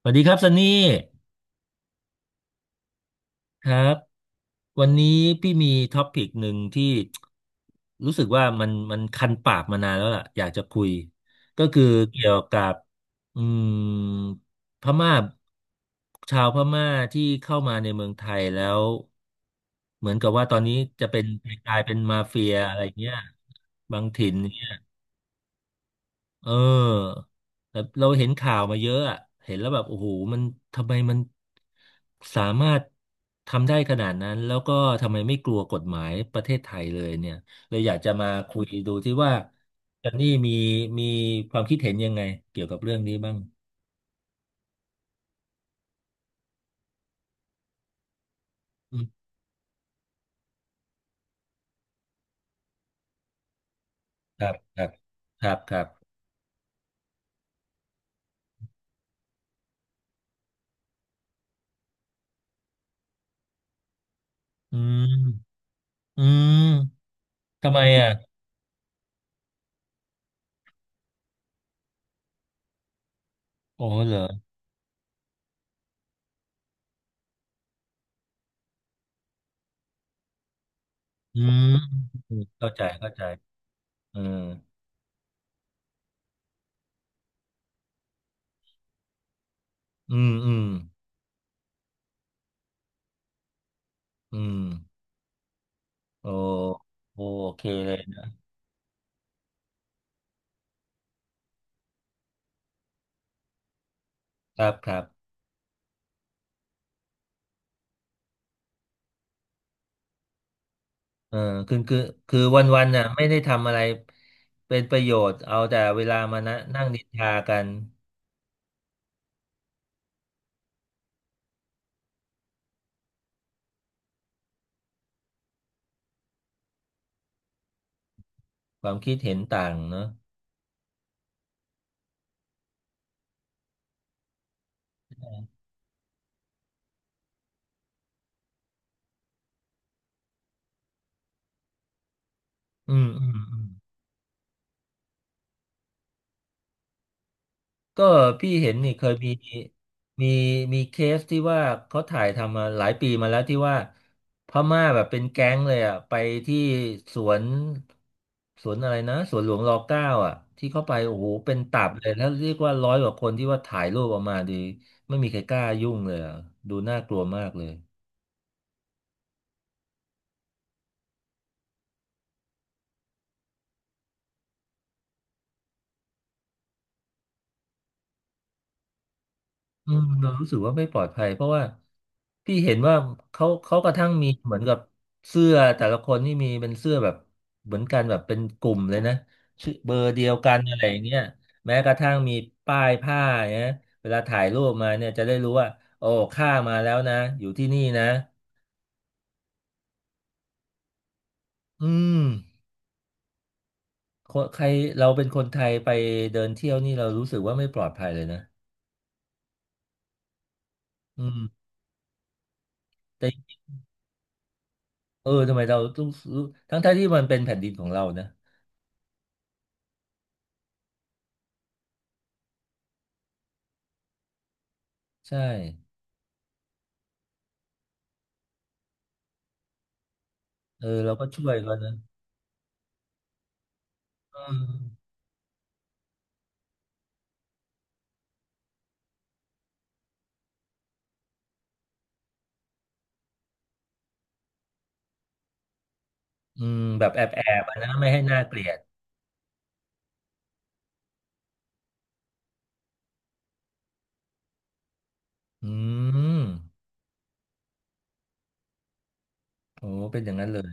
สวัสดีครับซันนี่ครับวันนี้พี่มีท็อปิกหนึ่งที่รู้สึกว่ามันคันปากมานานแล้วล่ะอยากจะคุยก็คือเกี่ยวกับอืมพม่าชาวพม่าที่เข้ามาในเมืองไทยแล้วเหมือนกับว่าตอนนี้จะเป็นกลายเป็นมาเฟียอะไรเงี้ยบางถิ่นเนี่ย เออแต่เราเห็นข่าวมาเยอะอะเห็นแล้วแบบโอ้โหมันทำไมมันสามารถทำได้ขนาดนั้นแล้วก็ทำไมไม่กลัวกฎหมายประเทศไทยเลยเนี่ยเลยอยากจะมาคุยดูที่ว่าจันนี่มีความคิดเห็นยังไงเกี่ยวกับเรื่องนี้บ้างอืมครับครับครับครับอืมอืมทำไมอ่ะโอ้เหรออืมเข้าใจเข้าใจเอออืมอืมอืม โอโอเคเลยนะครับครับเออคือคือวันน่ะไม่ได้ทำอะไรเป็นประโยชน์เอาแต่เวลามานะนั่งนินทากันความคิดเห็นต่างเนอะอืมอืมอืม ก็พี่เห็นนี่เคยมีมีเคสที่ว่าเขาถ่ายทำมาหลายปีมาแล้วที่ว่าพม่าแบบเป็นแก๊งเลยอ่ะไปที่สวนสวนอะไรนะสวนหลวงรอเก้าอ่ะที่เข้าไปโอ้โหเป็นตับเลยแล้วเรียกว่าร้อยกว่าคนที่ว่าถ่ายรูปออกมาดีไม่มีใครกล้ายุ่งเลยอ่ะดูน่ากลัวมากเลย เืมเรารู้สึกว่าไม่ปลอดภัยเพราะว่าพี่เห็นว่าเขากระทั่งมีเหมือนกับเสื้อแต่ละคนนี่มีเป็นเสื้อแบบเหมือนกันแบบเป็นกลุ่มเลยนะชื่อเบอร์เดียวกันอะไรอย่างเงี้ยแม้กระทั่งมีป้ายผ้าเนี่ยเวลาถ่ายรูปมาเนี่ยจะได้รู้ว่าโอ้ข้ามาแล้วนะอยู่ที่นี่นะอืมคนใครเราเป็นคนไทยไปเดินเที่ยวนี่เรารู้สึกว่าไม่ปลอดภัยเลยนะอืมแต่เออทำไมเราต้องรู้ทั้งๆที่มันเป็นแผ่นดินของเรานะใช่ เออเราก็ช่วยเขานะอืมอืมแบบแอบนะไม่ให้น่าเกลียดอืมโอ้เป็นอย่างนั้นเลย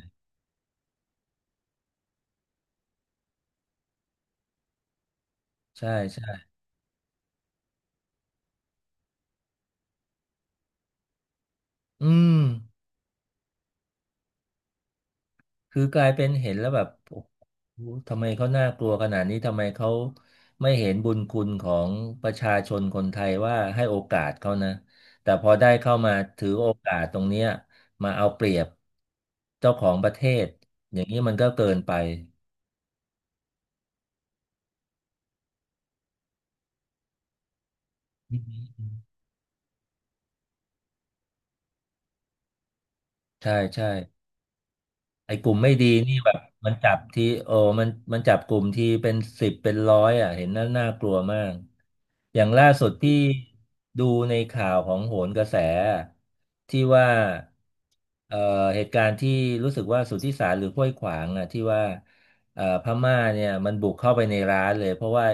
ใช่ใช่อืมคือกลายเป็นเห็นแล้วแบบโอ้โหทำไมเขาน่ากลัวขนาดนี้ ทำไมเขาไม่เห็นบุญคุณของประชาชนคนไทยว่าให้โอกาสเขานะ แต่พอได้เข้ามาถือโอกาสตรงเนี้ยมาเอาเปรียบเจ้าของประเทศอย่างนี้มันก็เกินไปอืมใช่ใช่ ไอ้กลุ่มไม่ดีนี่แบบมันจับที่โอ้มันจับกลุ่มที่เป็นสิบเป็นร้อยอ่ะเห็นน่ากลัวมากอย่างล่าสุดที่ดูในข่าวของโหนกระแสที่ว่าเอ่อเหตุการณ์ที่รู้สึกว่าสุทธิสารหรือห้วยขวางอ่ะที่ว่าพม่าเนี่ยมันบุกเข้าไปในร้านเลยเพราะว่า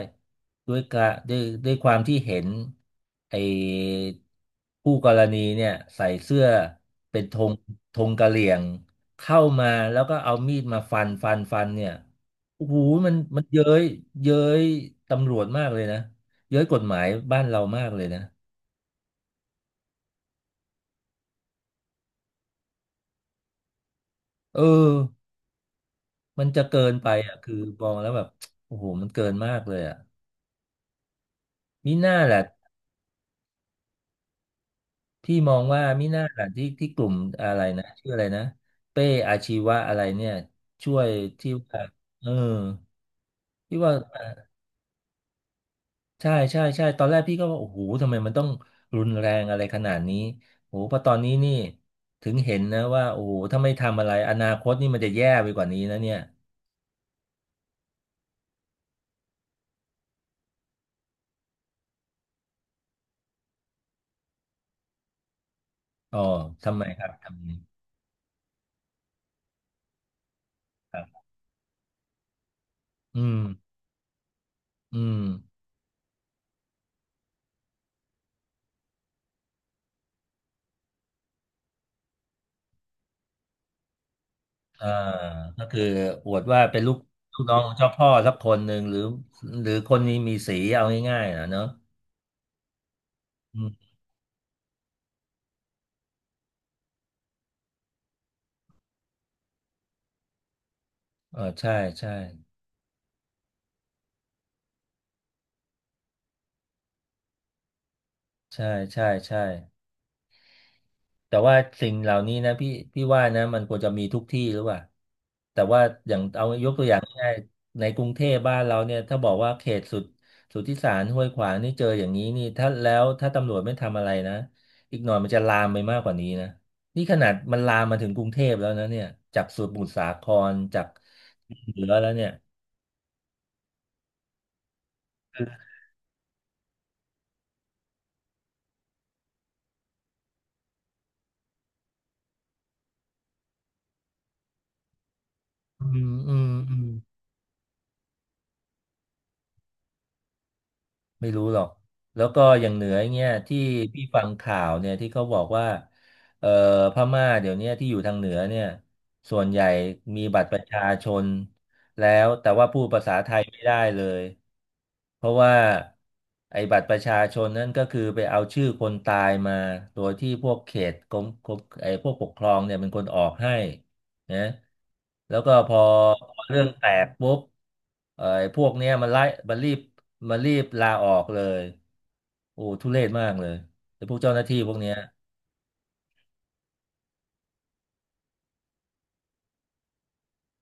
ด้วยกะด้วยความที่เห็นไอ้คู่กรณีเนี่ยใส่เสื้อเป็นธงธงกะเหรี่ยง เข้ามาแล้วก็เอามีดมาฟันเนี่ยโอ้โหมันเย้ยตำรวจมากเลยนะเย้ยกฎหมายบ้านเรามากเลยนะเออมันจะเกินไปอ่ะคือมองแล้วแบบโอ้โหมันเกินมากเลยอ่ะมิน่าแหละพี่มองว่ามิน่าแหละที่กลุ่มอะไรนะชื่ออะไรนะเป้อาชีวะอะไรเนี่ยช่วยที่ว่าเออที่ว่า ใช่ใช่ใช่ตอนแรกพี่ก็ว่าโอ้โหทำไมมันต้องรุนแรงอะไรขนาดนี้โอ้โหพอตอนนี้นี่ถึงเห็นนะว่าโอ้โหถ้าไม่ทำอะไรอนาคตนี่มันจะแย่ไปกว่านี้นะเนี่ยอ๋อทำไมครับทำนี้ครับอืมอืมอ่าก็คืออวดว่าเป็นลูกน้องของเจ้าพ่อสักคนหนึ่งหรือหรือคนนี้มีสีเอาง่ายๆนะเนอะอืมเออใช่ใช่ใช่ใช่ใช่ แต่ว่าสิ่งเหล่านี้นะพี่ว่านะมันควรจะมีทุกที่หรือเปล่าแต่ว่าอย่างเอายกตัวอย่างง่ายๆในกรุงเทพบ้านเราเนี่ยถ้าบอกว่าเขตสุดสุทธิสารห้วยขวางนี่เจออย่างนี้นี่ถ้าแล้วถ้าตำรวจไม่ทำอะไรนะอีกหน่อยมันจะลามไปมากกว่านี้นะนี่ขนาดมันลามมาถึงกรุงเทพแล้วนะเนี่ยจากสมุทรสาครจากเหนือแล้วเนี่ยอืมอืมอืม ไม่รู้หรอก แล้วก็อย่างเหนือเงี้ยที่พี่ฟังข่าวเนี่ยที่เขาบอกว่าเอ่อพม่าเดี๋ยวเนี้ยที่อยู่ทางเหนือเนี่ยส่วนใหญ่มีบัตรประชาชนแล้วแต่ว่าพูดภาษาไทยไม่ได้เลยเพราะว่าไอ้บัตรประชาชนนั่นก็คือไปเอาชื่อคนตายมาโดยที่พวกเขตกรมไอ้พวกปกครองเนี่ยเป็นคนออกให้ นะแล้วก็พอพอเรื่องแตกปุ๊บไอ้พวกเนี้ยมันไล่มันรีบมันรีบลาออกเลยโอ้ทุเรศมากเลยไอ้พวกเจ้าหน้าที่พวกเนี้ย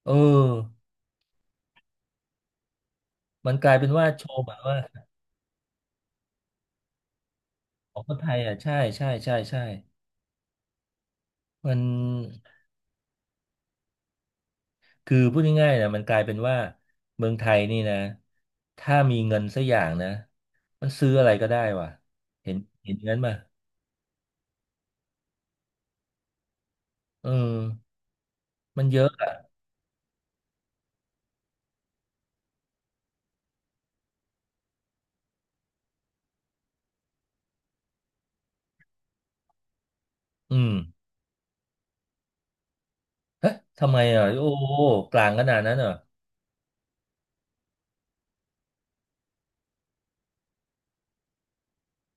เออมันกลายเป็นว่าโชว์เหมือนว่าของคนไทยอ่ะใช่ใช่ใช่ใช่มันคือพูดง่ายๆนะมันกลายเป็นว่าเมืองไทยนี่นะถ้ามีเงินสักอย่างนะมันซื้ออะไรก็ได้ว่ะเห็นเห็นงั้นป่ะเออมันเยอะอ่ะอืม เอ๊ะทำไมอ่ะโอ้โหกลางขนาดนั้นเหรอ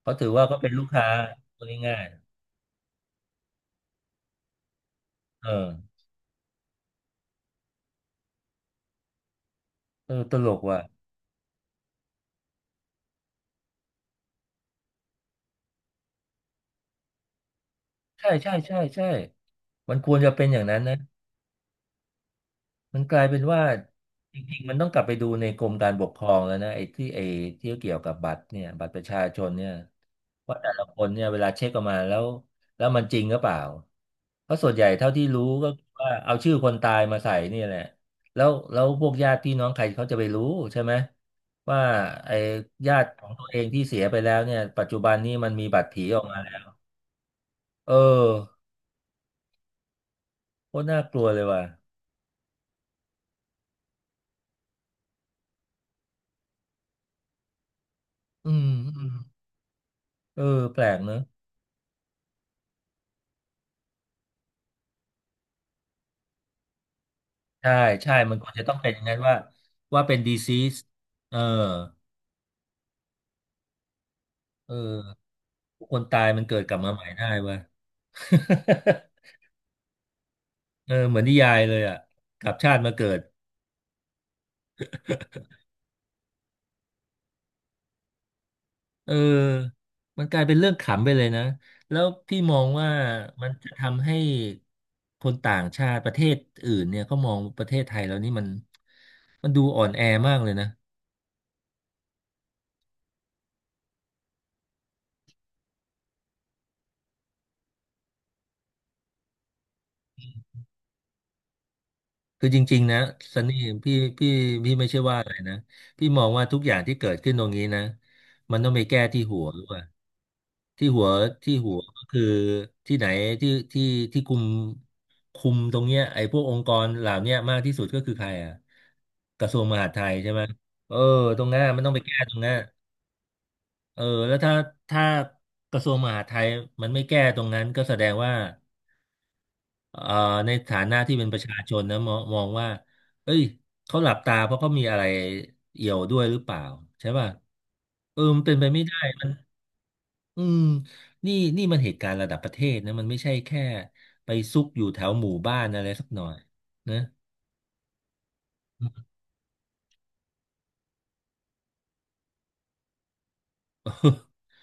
เขาถือว่าก็เป็นลูกค้าคนง่ายๆเออเออตลกว่ะใช่ใช่ใช่ใช่มันควรจะเป็นอย่างนั้นนะ มันกลายเป็นว่าจริงๆมันต้องกลับไปดูในกรมการปกครองแล้วนะไอ้ที่ไอ้ที่เกี่ยวกับบัตรเนี่ยบัตรประชาชนเนี่ยว่าแต่ละคนเนี่ยเวลาเช็คออกมาแล้วแล้วมันจริงหรือเปล่าเพราะส่วนใหญ่เท่าที่รู้ก็คือว่าเอาชื่อคนตายมาใส่เนี่ยแหละแล้วแล้วพวกญาติพี่น้องใครเขาจะไปรู้ใช่ไหมว่าไอ้ญาติของตัวเองที่เสียไปแล้วเนี่ยปัจจุบันนี้มันมีบัตรผีออกมาแล้วเออโคตรน่ากลัวเลยว่ะอืมอืมเออแปลกเนอะ ใช่ใช่ มันควรจะต้องเป็นอย่างนั้นว่าว่าเป็น disease เออเออคนตายมันเกิดกลับมาใหม่ได้เว้ย เออเหมือนนิยายเลยอ่ะกลับชาติมาเกิดเออมันกลายเป็นเรื่องขำไปเลยนะ แล้วพี่มองว่ามันจะทำให้คนต่างชาติประเทศอื่นเนี่ยเขามองประเทศไทยเรานี่มันมันดูอ่อนแอมากเลยนะ คือจริงๆนะซันนี่พี่พี่พี่ไม่ใช่ว่าอะไรนะพี่มองว่าทุกอย่างที่เกิดขึ้นตรงนี้นะมันต้องไปแก้ที่หัวด้วยที่หัวที่หัวก็คือที่ไหนที่ที่ที่คุมคุมตรงเนี้ยไอ้พวกองค์กรเหล่าเนี้ยมากที่สุดก็คือใครอ่ะกระทรวงมหาดไทยใช่ไหมเออตรงนั้นมันต้องไปแก้ตรงนั้นเออแล้วถ้าถ้ากระทรวงมหาดไทยมันไม่แก้ตรงนั้นก็แสดงว่า เอ่อในฐานะที่เป็นประชาชนนะมองมองว่าเอ้ยเขาหลับตาเพราะเขามีอะไรเอี่ยวด้วยหรือเปล่าใช่ป่ะเออมันเป็นไปไม่ได้มันอืมนี่นี่มันเหตุการณ์ระดับประเทศนะมันไม่ใช่แค่ไปซุกอยู่แถวหมู่บ้านอะไรสักหน่อยนะ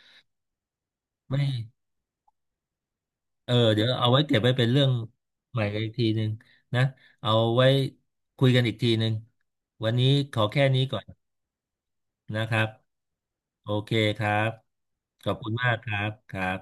ไม่เออเดี๋ยวเอาไว้เก็บไว้เป็นเรื่องใหม่กันอีกทีหนึ่งนะเอาไว้คุยกันอีกทีหนึ่งวันนี้ขอแค่นี้ก่อน นะครับโอเคครับขอบคุณมากครับครับ